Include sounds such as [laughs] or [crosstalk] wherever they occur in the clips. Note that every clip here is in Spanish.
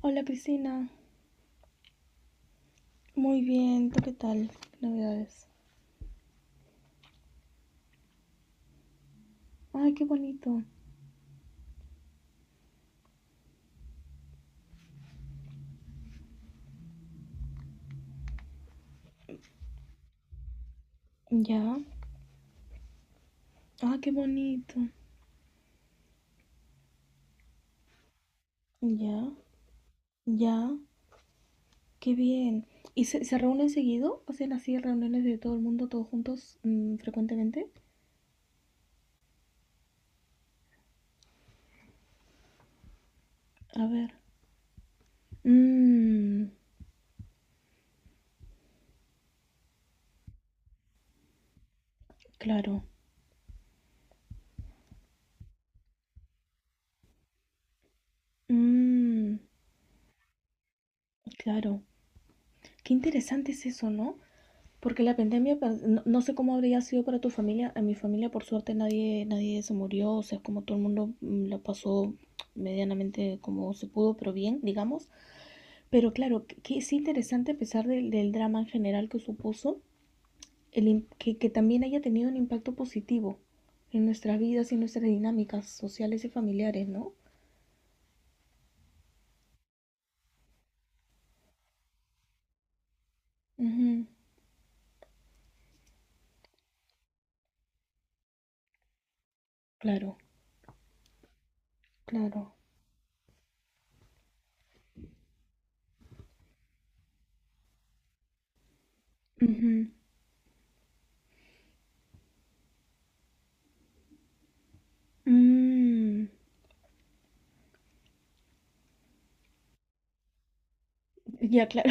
Hola Priscila, muy bien, ¿tú qué tal? Navidades. Ay, qué bonito. Ya. Ah, qué bonito. Ya. Ya. Qué bien. ¿Y se reúnen seguido? ¿Hacen así reuniones de todo el mundo, todos juntos, frecuentemente? A ver. Mmm, claro. Mmm, claro. Qué interesante es eso, ¿no? Porque la pandemia, pues, no sé cómo habría sido para tu familia. En mi familia, por suerte, nadie, nadie se murió. O sea, como todo el mundo la pasó medianamente como se pudo, pero bien, digamos. Pero claro, que es interesante a pesar del drama en general que supuso, que también haya tenido un impacto positivo en nuestras vidas y en nuestras dinámicas sociales y familiares, ¿no? Ujú, claro, claro. Ujú. Mm, ya, claro.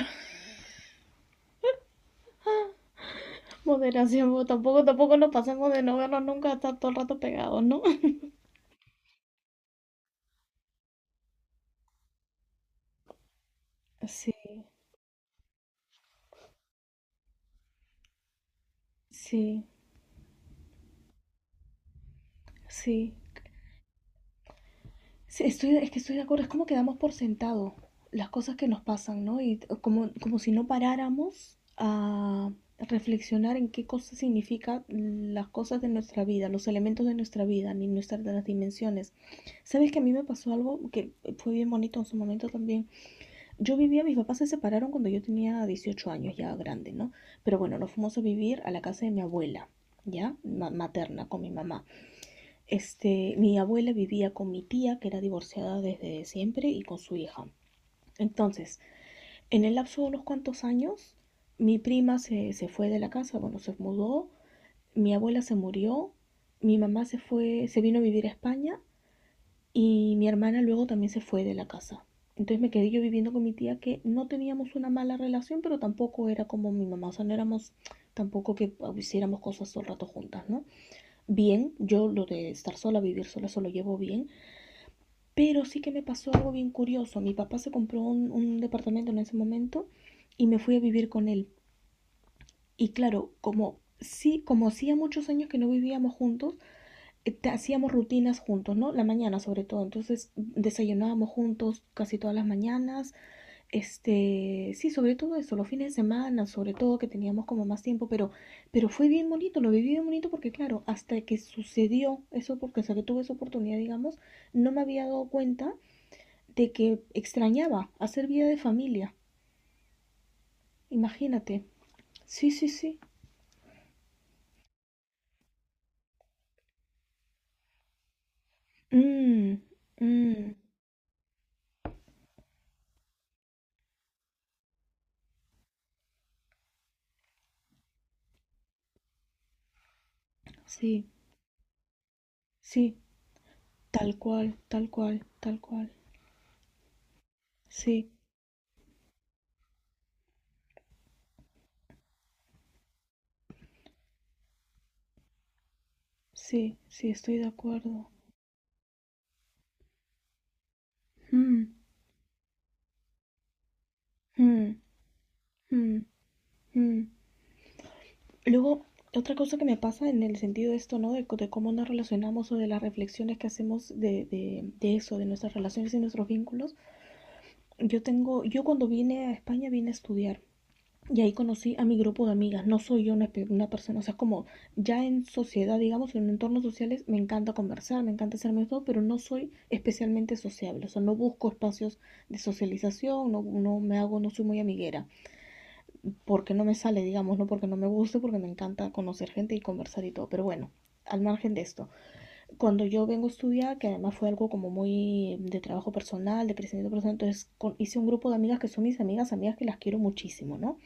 Moderación, pues, tampoco, tampoco nos pasemos de no vernos nunca hasta todo el rato pegados, ¿no? Sí, sí, sí. Sí, es que estoy de acuerdo, es como que damos por sentado las cosas que nos pasan, ¿no? Y como si no paráramos a reflexionar en qué cosas significan las cosas de nuestra vida, los elementos de nuestra vida, ni nuestras las dimensiones. ¿Sabes que a mí me pasó algo que fue bien bonito en su momento también? Yo vivía, mis papás se separaron cuando yo tenía 18 años, ya grande, ¿no? Pero bueno, nos fuimos a vivir a la casa de mi abuela, ¿ya? Materna, con mi mamá. Mi abuela vivía con mi tía, que era divorciada desde siempre, y con su hija. Entonces, en el lapso de unos cuantos años, mi prima se fue de la casa, bueno, se mudó, mi abuela se murió, mi mamá se fue, se vino a vivir a España y mi hermana luego también se fue de la casa. Entonces me quedé yo viviendo con mi tía que no teníamos una mala relación, pero tampoco era como mi mamá, o sea, no éramos tampoco que hiciéramos cosas todo el rato juntas, ¿no? Bien, yo lo de estar sola, vivir sola, eso lo llevo bien, pero sí que me pasó algo bien curioso. Mi papá se compró un, departamento en ese momento y me fui a vivir con él. Y claro, como hacía muchos años que no vivíamos juntos, hacíamos rutinas juntos, ¿no? La mañana sobre todo. Entonces desayunábamos juntos casi todas las mañanas. Sí, sobre todo eso, los fines de semana, sobre todo que teníamos como más tiempo, pero fue bien bonito, lo viví bien bonito porque claro, hasta que sucedió eso, porque hasta que tuve esa oportunidad, digamos, no me había dado cuenta de que extrañaba hacer vida de familia. Imagínate. Sí, sí, sí. Mm, mm, sí, sí, tal cual, tal cual, tal cual. Sí. Sí, sí, estoy de acuerdo. Mm, mm, mm, mm. Luego, otra cosa que me pasa en el sentido de esto, ¿no? De cómo nos relacionamos o de las reflexiones que hacemos de eso, de nuestras relaciones y nuestros vínculos. Yo cuando vine a España vine a estudiar. Y ahí conocí a mi grupo de amigas. No soy yo una persona, o sea, como ya en sociedad, digamos, en entornos sociales, me encanta conversar, me encanta ser amigos, pero no soy especialmente sociable. O sea, no busco espacios de socialización, no me hago, no soy muy amiguera. Porque no me sale, digamos, no porque no me guste, porque me encanta conocer gente y conversar y todo. Pero bueno, al margen de esto, cuando yo vengo a estudiar, que además fue algo como muy de trabajo personal, de crecimiento personal, entonces hice un grupo de amigas que son mis amigas, amigas que las quiero muchísimo, ¿no?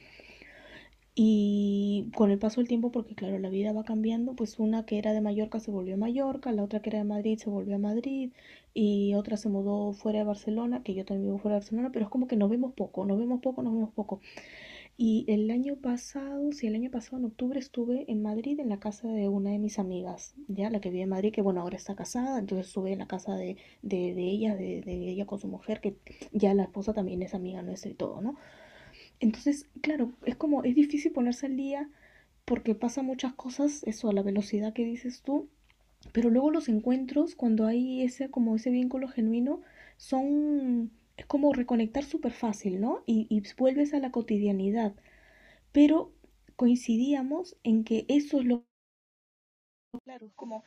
Y con el paso del tiempo, porque claro, la vida va cambiando, pues una que era de Mallorca se volvió a Mallorca, la otra que era de Madrid se volvió a Madrid y otra se mudó fuera de Barcelona, que yo también vivo fuera de Barcelona, pero es como que nos vemos poco, nos vemos poco, nos vemos poco. Y el año pasado, sí, el año pasado en octubre estuve en Madrid en la casa de una de mis amigas, ya la que vive en Madrid, que bueno, ahora está casada, entonces estuve en la casa de ella, de ella con su mujer, que ya la esposa también es amiga nuestra y todo, ¿no? Entonces, claro, es difícil ponerse al día porque pasa muchas cosas, eso a la velocidad que dices tú, pero luego los encuentros, cuando hay como ese vínculo genuino, son, es como reconectar súper fácil, ¿no? Y vuelves a la cotidianidad, pero coincidíamos en que eso es lo claro, es como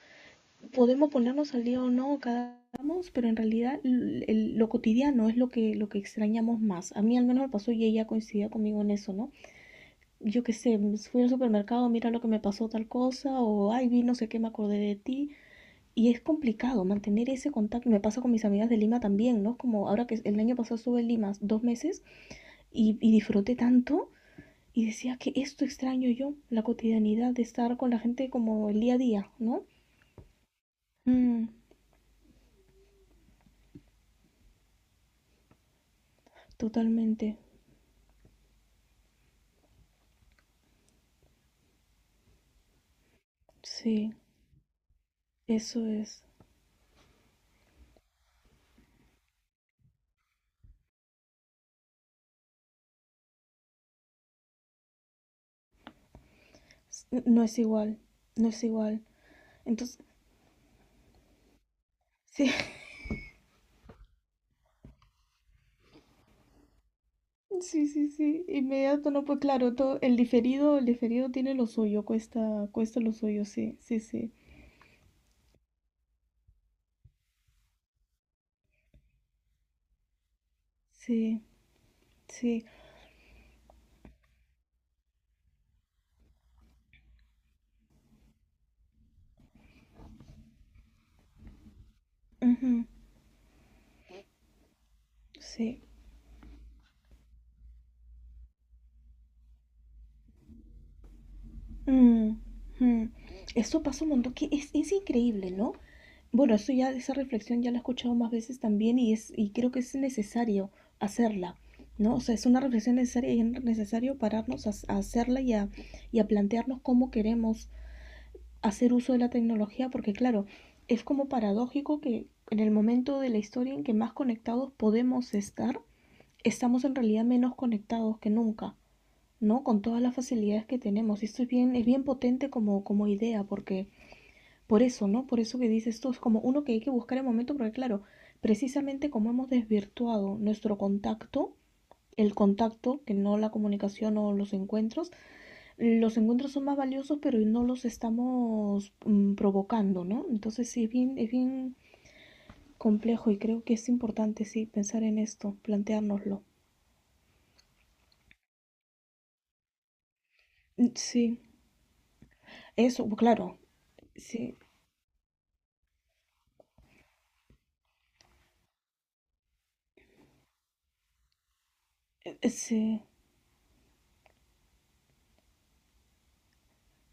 podemos ponernos al día o no cada vamos, pero en realidad lo cotidiano es lo que extrañamos más. A mí al menos me pasó y ella coincidía conmigo en eso, ¿no? Yo qué sé, fui al supermercado, mira lo que me pasó tal cosa, o ay, vi no sé qué, me acordé de ti. Y es complicado mantener ese contacto. Me pasa con mis amigas de Lima también, ¿no? Como ahora que el año pasado estuve en Lima 2 meses y disfruté tanto y decía que esto extraño yo, la cotidianidad de estar con la gente como el día a día, ¿no? Mm, totalmente, sí, eso es. No es igual, no es igual. Entonces, sí, sí, sí, sí, inmediato, no, pues claro, todo, el diferido tiene lo suyo, cuesta, cuesta lo suyo, sí, sí, sí, sí, sí, ujú, sí, mm, mm. Eso pasa un montón, que es increíble, ¿no? Bueno, eso ya, esa reflexión ya la he escuchado más veces también y creo que es necesario hacerla, ¿no? O sea, es una reflexión necesaria y es necesario pararnos a hacerla y a plantearnos cómo queremos hacer uso de la tecnología porque claro, es como paradójico que en el momento de la historia en que más conectados podemos estar, estamos en realidad menos conectados que nunca, ¿no? Con todas las facilidades que tenemos. Y esto es bien potente como idea porque por eso, ¿no? Por eso que dices esto es como uno que hay que buscar el momento porque claro, precisamente como hemos desvirtuado nuestro contacto, el contacto, que no la comunicación o los encuentros son más valiosos, pero no los estamos provocando, ¿no? Entonces sí, es bien complejo y creo que es importante, sí, pensar en esto, planteárnoslo. Mm, sí, eso, claro, sí, sí.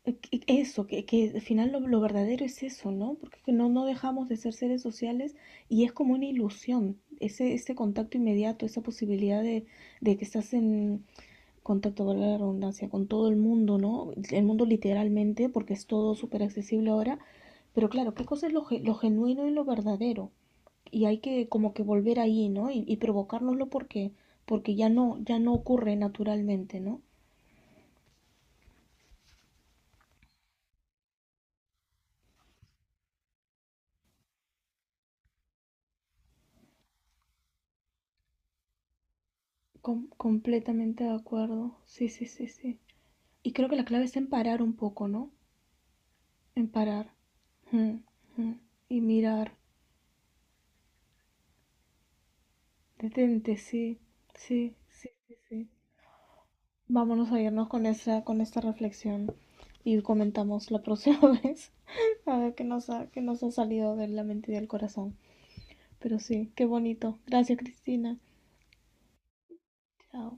eh, Eso, que al final lo verdadero es eso, ¿no? Porque que no dejamos de ser seres sociales y es como una ilusión, ese contacto inmediato, esa posibilidad de que estás en, contacto, valga la redundancia, con todo el mundo, ¿no? El mundo literalmente, porque es todo súper accesible ahora, pero claro, ¿qué cosa es lo genuino y lo verdadero? Y hay que como que volver ahí, ¿no? Y provocárnoslo porque, ya no, ya no ocurre naturalmente, ¿no? Completamente de acuerdo, sí, sí, sí, sí. Y creo que la clave es en parar un poco, ¿no? En parar. Mm, mm. Y mirar, detente, sí, sí, sí, sí, sí. Vámonos a irnos con esta, reflexión y comentamos la próxima [laughs] vez. A ver qué nos ha salido de la mente y del corazón. Pero sí, qué bonito. Gracias, Cristina. Chao.